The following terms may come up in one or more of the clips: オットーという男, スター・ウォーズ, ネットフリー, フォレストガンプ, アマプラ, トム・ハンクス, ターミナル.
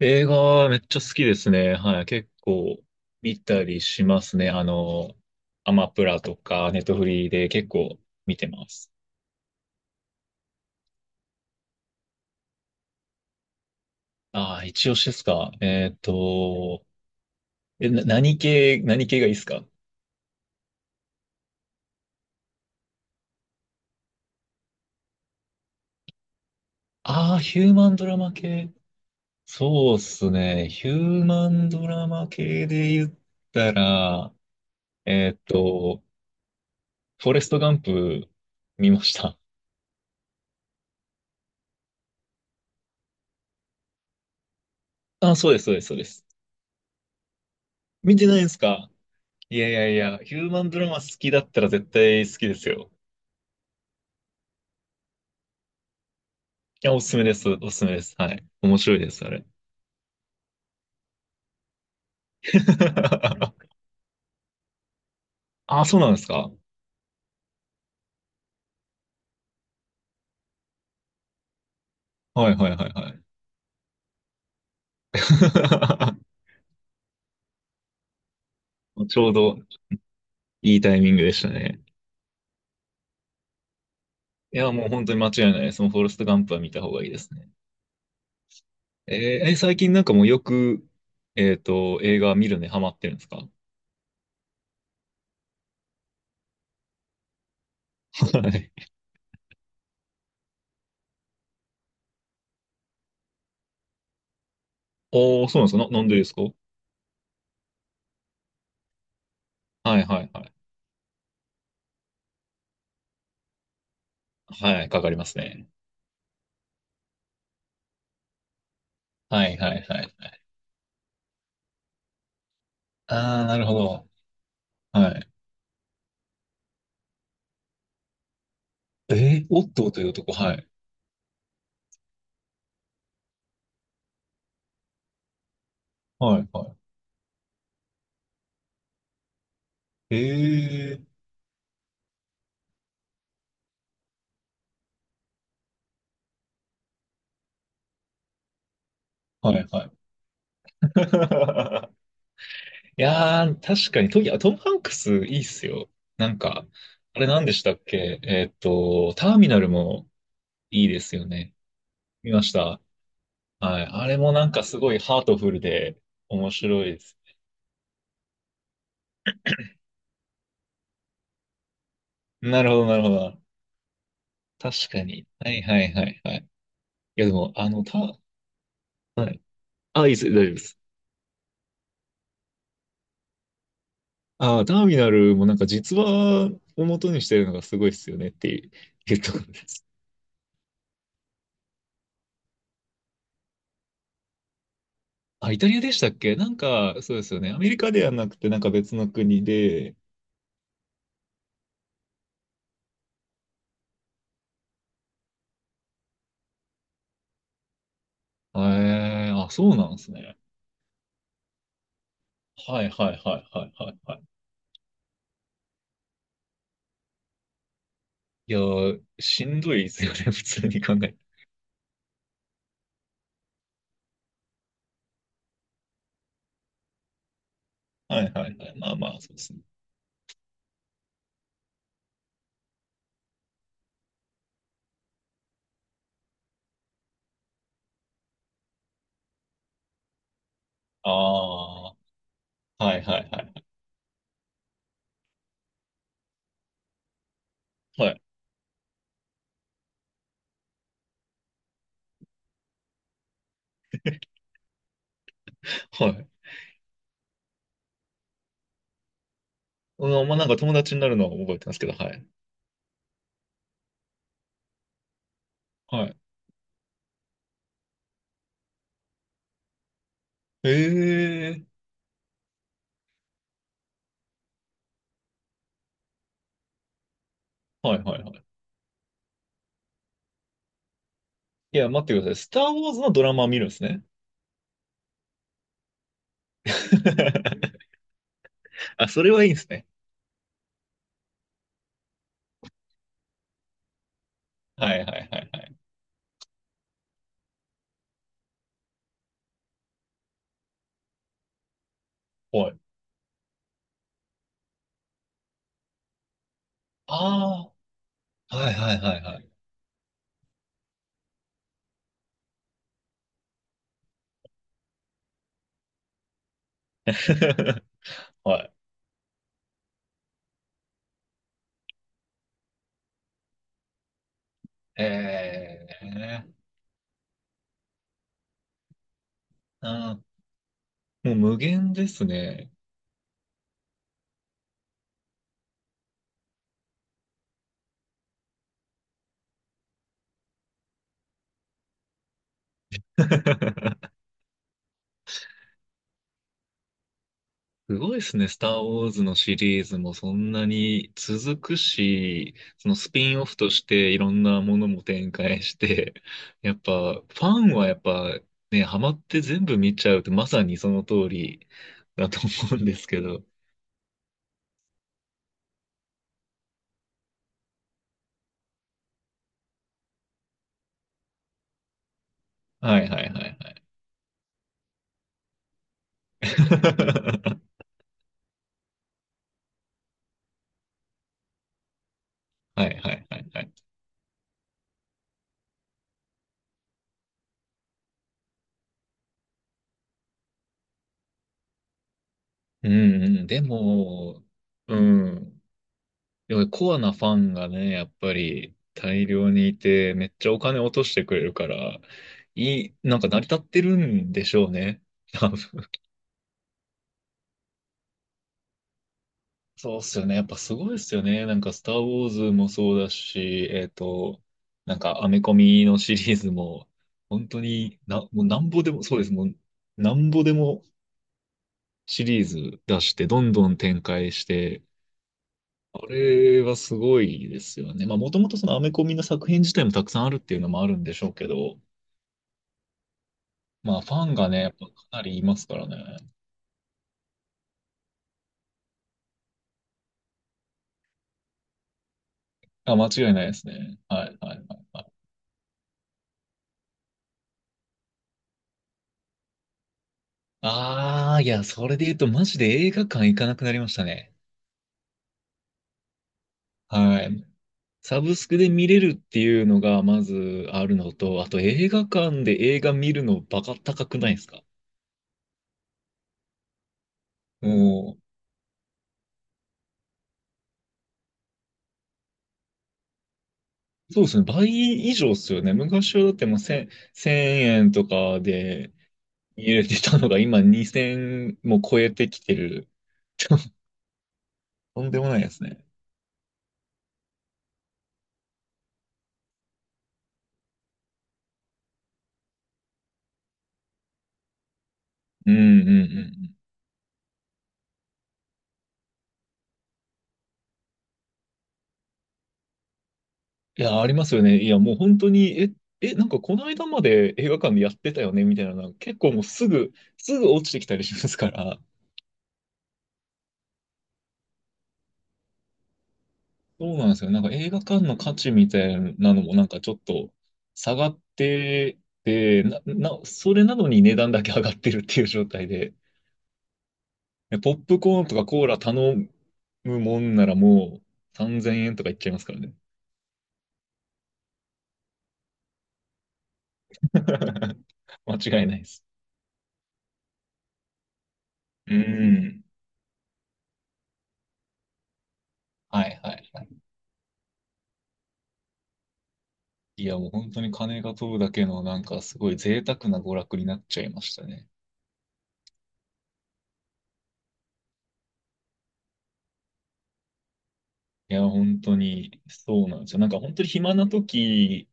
映画めっちゃ好きですね。はい。結構見たりしますね。アマプラとかネットフリーで結構見てます。ああ、一押しですか。何系がいいですか？ああー、ヒューマンドラマ系。そうっすね。ヒューマンドラマ系で言ったら、えっと、フォレストガンプ見ました。ああ、そうです、そうです、そうです。見てないですか？いやいやいや、ヒューマンドラマ好きだったら絶対好きですよ。いや、おすすめです。おすすめです。はい。面白いです、あれ。あ、そうなんですか。はいはいはいはい。ちょうどいいタイミングでしたね。いや、もう本当に間違いないです。もうフォレストガンプは見た方がいいですね。えーえ最近なんかもうよく、映画見るのにハマってるんですか？はい。おー、そうなんですかな、なんでですか？はいはいはい。はい、かかりますね。はいはいはいはい。あー、なるほど。はい。えー、オットーという男、はい。はいはい。ええーはいはい。いやー、確かにト、いや、トム・ハンクスいいっすよ。なんか、あれ何でしたっけ、ターミナルもいいですよね。見ました。はい。あれもなんかすごいハートフルで面白いです。なるほど、なるほど。確かに。はいはいはいはい。いや、でも、はい。あ、いいです、大丈夫です。ああ、ターミナルもなんか実話を元にしてるのがすごいっすよねっていうところです。あ、イタリアでしたっけ、なんか、そうですよね。アメリカではなくて、なんか別の国で。ええ、あ、そうなんですね。はいはいはいはいはいはい。いやー、しんどいですよね、普通に考えて。はいはいはい。まあまあ、そうですね。ああ、はいはいはいはい。はい。うん、まあなんか友達になるのは覚えてますけど、はい。はい。ええ、はいはいはい。いや、待ってください。スター・ウォーズのドラマを見るんですね？あ、それはいいんですね。はいはいはいはい。はい。ああ、はいはいはいはい。はい。ええあー、もう無限ですね。すごいですね。スター・ウォーズのシリーズもそんなに続くし、そのスピンオフとしていろんなものも展開して、やっぱファンはやっぱね、ハマって全部見ちゃうってまさにその通りだと思うんですけど。はいはいはい はいはいはいはい。うんうん、でも、うん。でもコアなファンがね、やっぱり大量にいて、めっちゃお金落としてくれるから、なんか成り立ってるんでしょうね。多分そうっすよね。やっぱすごいっすよね。なんか、スター・ウォーズもそうだし、なんか、アメコミのシリーズも、本当にな、もうなんぼでも、そうです。もう、なんぼでもシリーズ出して、どんどん展開して、あれはすごいですよね。まあ、もともとそのアメコミの作品自体もたくさんあるっていうのもあるんでしょうけど、まあ、ファンがね、やっぱかなりいますからね。あ、間違いないですね。はい、はい、はい。はい、ああ、いや、それで言うと、マジで映画館行かなくなりましたね。はい。サブスクで見れるっていうのが、まずあるのと、あと映画館で映画見るのバカ高くないですか？もう、そうですね。倍以上ですよね。昔はだってもう1 1000円とかで、入れてたのが今2000も超えてきてる。とんでもないですね。うんうんうん。いや、ありますよね。いや、もう本当に、なんかこの間まで映画館でやってたよねみたいなのが結構もうすぐ、すぐ落ちてきたりしますから、そうなんですよ。なんか映画館の価値みたいなのもなんかちょっと下がってて、それなのに値段だけ上がってるっていう状態で、ポップコーンとかコーラ頼むもんならもう3000円とかいっちゃいますからね。間違いないです。うん。はいはいはい。いや、もう本当に金が飛ぶだけの、なんかすごい贅沢な娯楽になっちゃいましたね。いや、本当に、そうなんですよ。なんか本当に暇な時、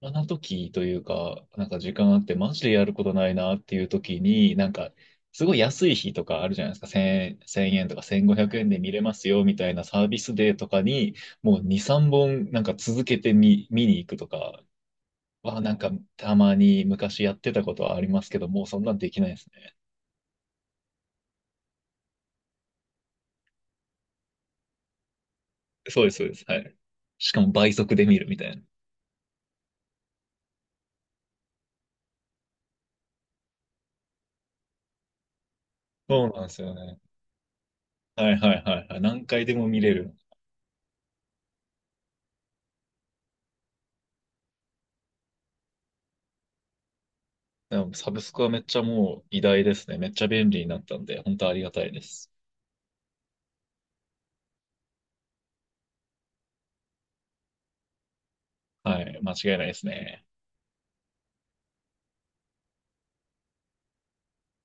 暇な時というか、なんか時間あって、マジでやることないなっていう時に、なんか、すごい安い日とかあるじゃないですか。1000、円とか1500円で見れますよみたいなサービスデーとかに、もう2、3本なんか続けて見に行くとか、なんか、たまに昔やってたことはありますけど、もうそんなんできないですね。そうです、そうです。はい。しかも倍速で見るみたいな。そうなんですよね。はいはいはいはい。何回でも見れる。でもサブスクはめっちゃもう偉大ですね。めっちゃ便利になったんで、本当ありがたいです。はい。間違いないですね。